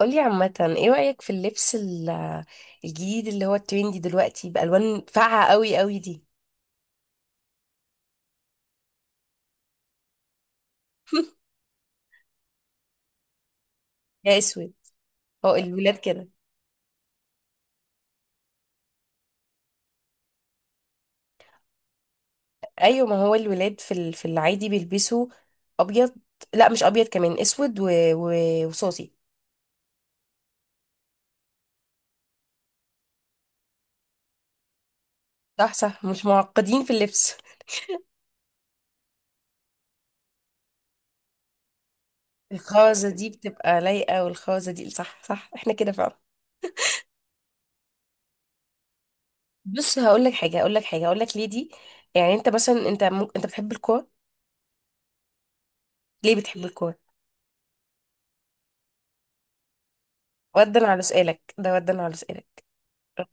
قولي عامة ايه رأيك في اللبس الجديد اللي هو الترندي دلوقتي بألوان فاقعة قوي قوي دي. يا اسود. هو الولاد كده. ايوه، ما هو الولاد في في العادي بيلبسوا ابيض. لا، مش ابيض كمان، اسود و... وصوصي. صح صح، مش معقدين في اللبس. الخازة دي بتبقى لايقة، والخازة دي صح صح احنا كده فعلا. بص هقول لك حاجة، هقول لك حاجة، هقول لك ليه دي. يعني انت مثلا انت بتحب الكورة. ليه بتحب الكورة؟ ردا على سؤالك ده، ردا على سؤالك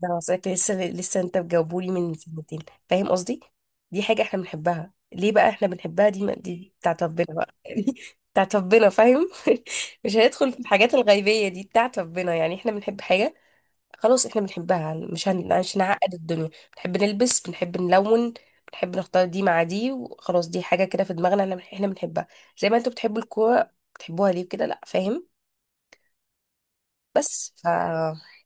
انا وصلت لسه، لسه انت بجاوبولي من سنتين. فاهم قصدي. دي حاجه احنا بنحبها، ليه بقى احنا بنحبها؟ دي بتاعت ربنا بقى يعني. بتاعت ربنا فاهم. مش هندخل في الحاجات الغيبيه دي، بتاعت ربنا، يعني احنا بنحب حاجه خلاص احنا بنحبها. مش هنعقد الدنيا. بنحب نلبس، بنحب نلون، بنحب نختار دي مع دي وخلاص. دي حاجه كده في دماغنا، احنا بنحبها، زي ما انتوا بتحبوا الكوره. بتحبوها ليه كده؟ لا فاهم. بس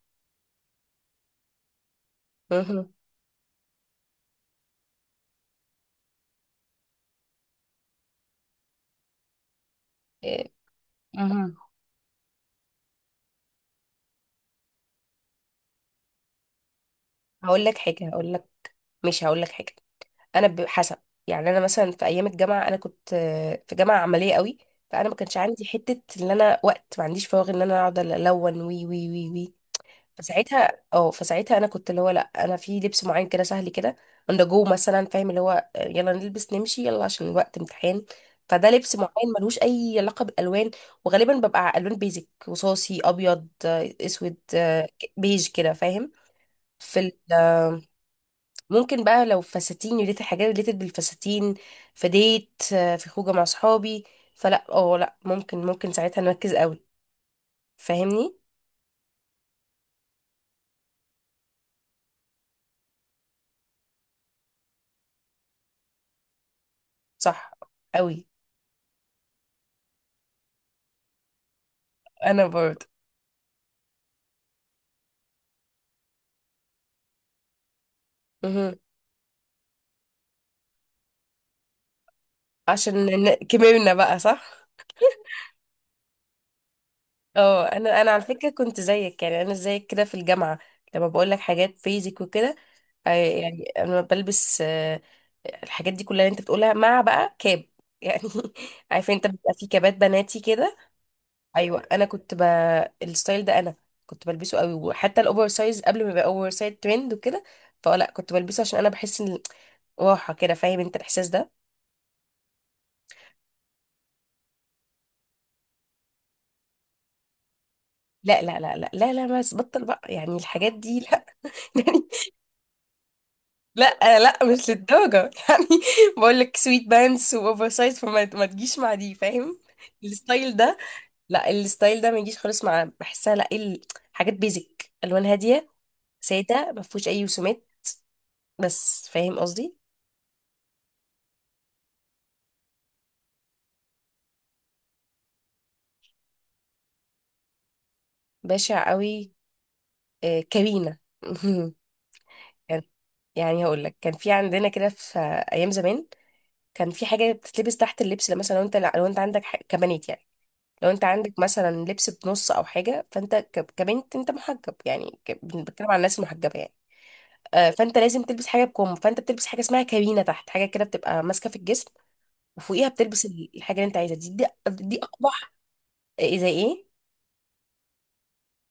مهم. إيه، مهم. هقول لك حاجه، هقول لك، ماشي هقول لك حاجه. انا حسب، يعني انا مثلا في ايام الجامعه انا كنت في جامعه عمليه قوي. فانا ما كانش عندي حته ان انا وقت ما عنديش فراغ ان انا اقعد الون وي وي وي وي. فساعتها انا كنت اللي هو، لا انا في لبس معين كده سهل كده اندر جو مثلا، فاهم اللي هو يلا نلبس نمشي يلا عشان الوقت امتحان. فده لبس معين ملوش اي علاقه بالالوان، وغالبا ببقى الوان بيزك، رصاصي، ابيض، اسود، بيج كده فاهم. في ممكن بقى لو فساتين، ريليتد حاجات ريليتد بالفساتين، في ديت، في خروجه مع صحابي، فلا لا ممكن ساعتها نركز قوي. فاهمني. صح قوي، انا برضه. مهم. عشان كبرنا بقى. صح. اه، انا على فكره كنت زيك، يعني انا زيك كده في الجامعه، لما بقول لك حاجات بيزك وكده. يعني انا بلبس الحاجات دي كلها اللي انت بتقولها، مع بقى كاب يعني. عارفه انت بيبقى في كابات بناتي كده. ايوه، انا كنت الستايل ده انا كنت بلبسه قوي، وحتى الاوفر سايز قبل ما يبقى اوفر سايز ترند وكده. فلا كنت بلبسه عشان انا بحس ان راحه كده. فاهم انت الاحساس ده. لا لا لا لا لا لا، بس بطل بقى، يعني الحاجات دي لا يعني. لا لا مش للدرجه يعني. بقول لك سويت بانس واوفر سايز، فما ما تجيش مع دي فاهم. الستايل ده، لا الستايل ده ما يجيش خالص مع بحسها، لا حاجات بيزك الوان هاديه، ساده ما فيهوش اي رسومات بس. فاهم قصدي. بشع قوي، كابينة. كان- يعني هقول لك، كان في عندنا كده في ايام زمان كان في حاجه بتتلبس تحت اللبس. لو مثلا لو انت، عندك كبنات يعني، لو انت عندك مثلا لبس بنص او حاجه، فانت كبنت انت محجب يعني، بنتكلم عن الناس المحجبه يعني. فانت لازم تلبس حاجه بكم، فانت بتلبس حاجه اسمها كابينه تحت، حاجه كده بتبقى ماسكه في الجسم، وفوقيها بتلبس الحاجه اللي انت عايزها. دي اقبح. إيه؟ زي ايه؟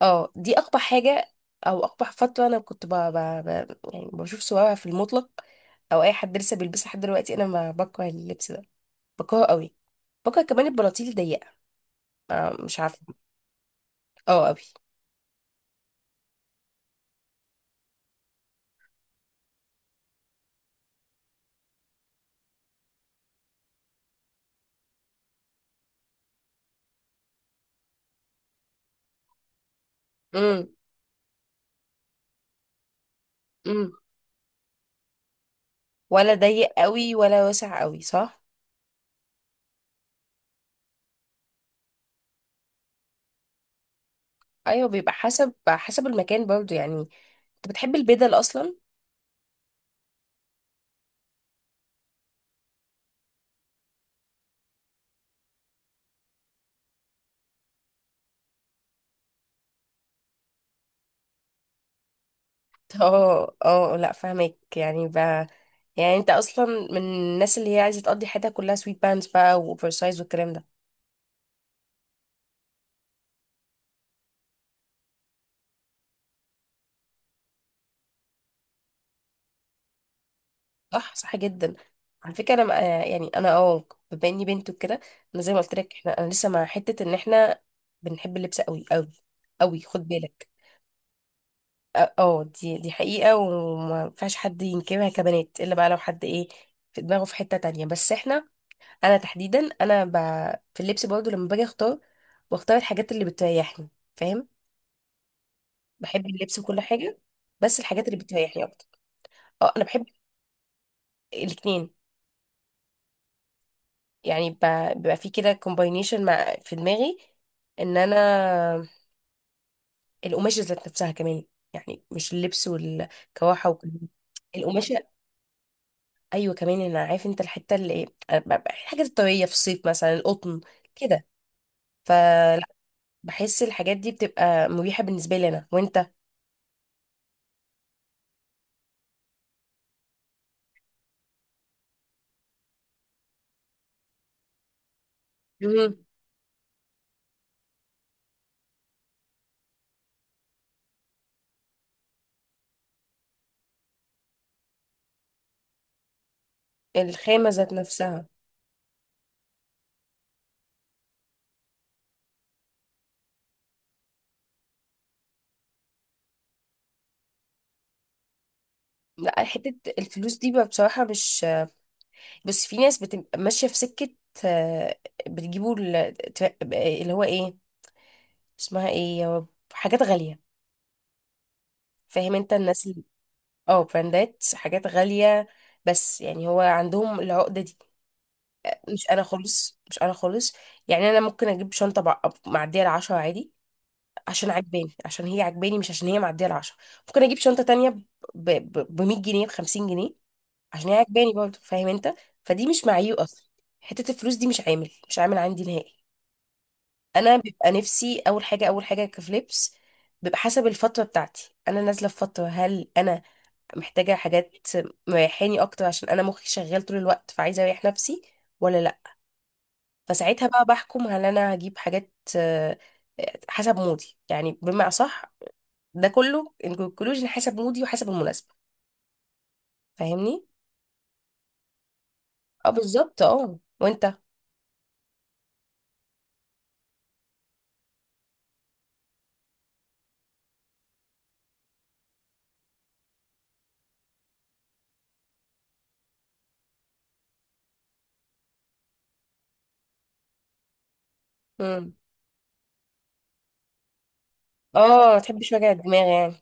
اه دي اقبح حاجه، او اقبح فتره انا كنت يعني بشوف صورها في المطلق، او اي حد لسه بيلبسها لحد دلوقتي، انا ما بكره اللبس ده، بكرهه قوي. بكره كمان البناطيل الضيقه، مش عارفه. اه قوي. امم، امم. ولا ضيق قوي ولا واسع قوي، صح. ايوه، بيبقى حسب المكان برضو يعني. انت بتحب البدل اصلا. اه لا فاهمك، يعني يعني انت اصلا من الناس اللي هي عايزه تقضي حياتها كلها سويت بانز بقى واوفر سايز والكلام ده. صح صح جدا. على فكره انا يعني انا، بما اني بنت وكده، انا زي ما قلت لك، احنا انا لسه مع حته ان احنا بنحب اللبس قوي قوي قوي، خد بالك. دي حقيقه، وما ينفعش حد ينكرها كبنات، الا بقى لو حد ايه في دماغه، في حته تانية. بس احنا، انا تحديدا، انا في اللبس برضه، لما باجي اختار بختار الحاجات اللي بتريحني. فاهم، بحب اللبس وكل حاجه، بس الحاجات اللي بتريحني اكتر. اه انا بحب الاتنين، يعني بيبقى في كده كومباينيشن مع في دماغي ان انا القماشة ذات نفسها كمان، يعني مش اللبس والكواحة وكمان القماشة. ايوه كمان، انا عارف انت الحتة اللي ايه، أنا الحاجات الطبيعية في الصيف مثلا، القطن كده، فبحس الحاجات دي بتبقى مريحة بالنسبة لي انا وانت. مم. الخامة ذات نفسها. لا، حتة الفلوس دي بقى بصراحة مش، بس في ناس بتبقى ماشية في سكة، آه، بتجيبوا اللي هو ايه، اسمها ايه، يا رب، حاجات غالية. فاهم انت الناس اللي، اه، براندات، حاجات غالية، بس يعني هو عندهم العقدة دي. مش انا خالص، مش انا خالص. يعني انا ممكن اجيب شنطة معدية العشرة عادي، عشان عجباني، عشان هي عجباني، مش عشان هي معدية العشرة. ممكن اجيب شنطة تانية ب 100 جنيه، ب 50 جنيه، عشان هي عجباني برضه، فاهم انت. فدي مش معيو اصلا، حتة الفلوس دي مش عامل، عندي نهائي. انا بيبقى نفسي اول حاجه، اول حاجه في لبس، بيبقى حسب الفتره بتاعتي. انا نازله في فتره هل انا محتاجه حاجات مريحاني اكتر عشان انا مخي شغال طول الوقت، فعايزه اريح نفسي ولا لا. فساعتها بقى بحكم هل انا هجيب حاجات، حسب مودي، يعني بمعنى صح، ده كله انكلوجن حسب مودي وحسب المناسبه. فاهمني. اه بالظبط، اه. وانت. مم. اه ما تحبش وجع الدماغ يعني.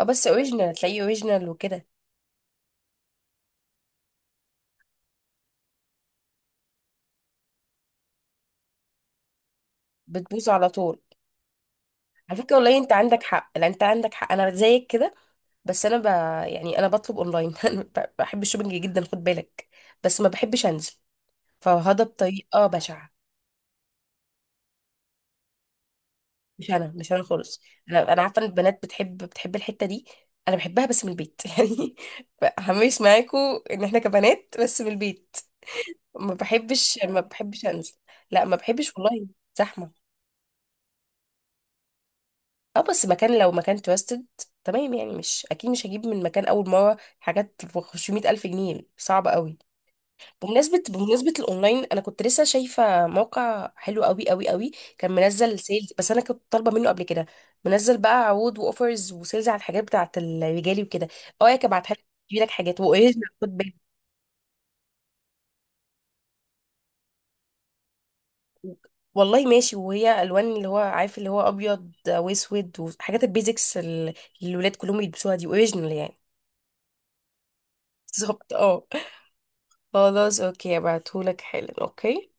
اه، بس اوريجينال تلاقيه اوريجينال وكده. بتبوظ على طول. على فكرة والله انت عندك حق، لا انت عندك حق، انا زيك كده. بس انا يعني انا بطلب اونلاين. انا بحب الشوبينج جدا خد بالك، بس ما بحبش انزل، فهذا بطريقة بشعة. مش انا، مش انا خالص. انا عارفة ان البنات بتحب الحتة دي. انا بحبها بس من البيت يعني، همش معاكم ان احنا كبنات، بس من البيت. ما بحبش، ما بحبش انزل، لا ما بحبش والله، زحمة. اه بس مكان، لو مكان توستد تمام يعني، مش اكيد مش هجيب من مكان اول مره حاجات ب 500 الف جنيه، صعب قوي. بمناسبه الاونلاين، انا كنت لسه شايفه موقع حلو قوي قوي قوي، كان منزل سيلز، بس انا كنت طالبه منه قبل كده. منزل بقى عروض واوفرز وسيلز على الحاجات بتاعه الرجالي وكده. اه يا كبعت حاجه، تجيب لك حاجات واوريجنال خد بالك. والله ماشي. وهي الوان اللي هو عارف، اللي هو ابيض واسود، وحاجات البيزكس اللي الولاد كلهم يلبسوها، دي اوريجنال يعني. بالظبط، اه. خلاص اوكي، ابعتهولك حالا، اوكي.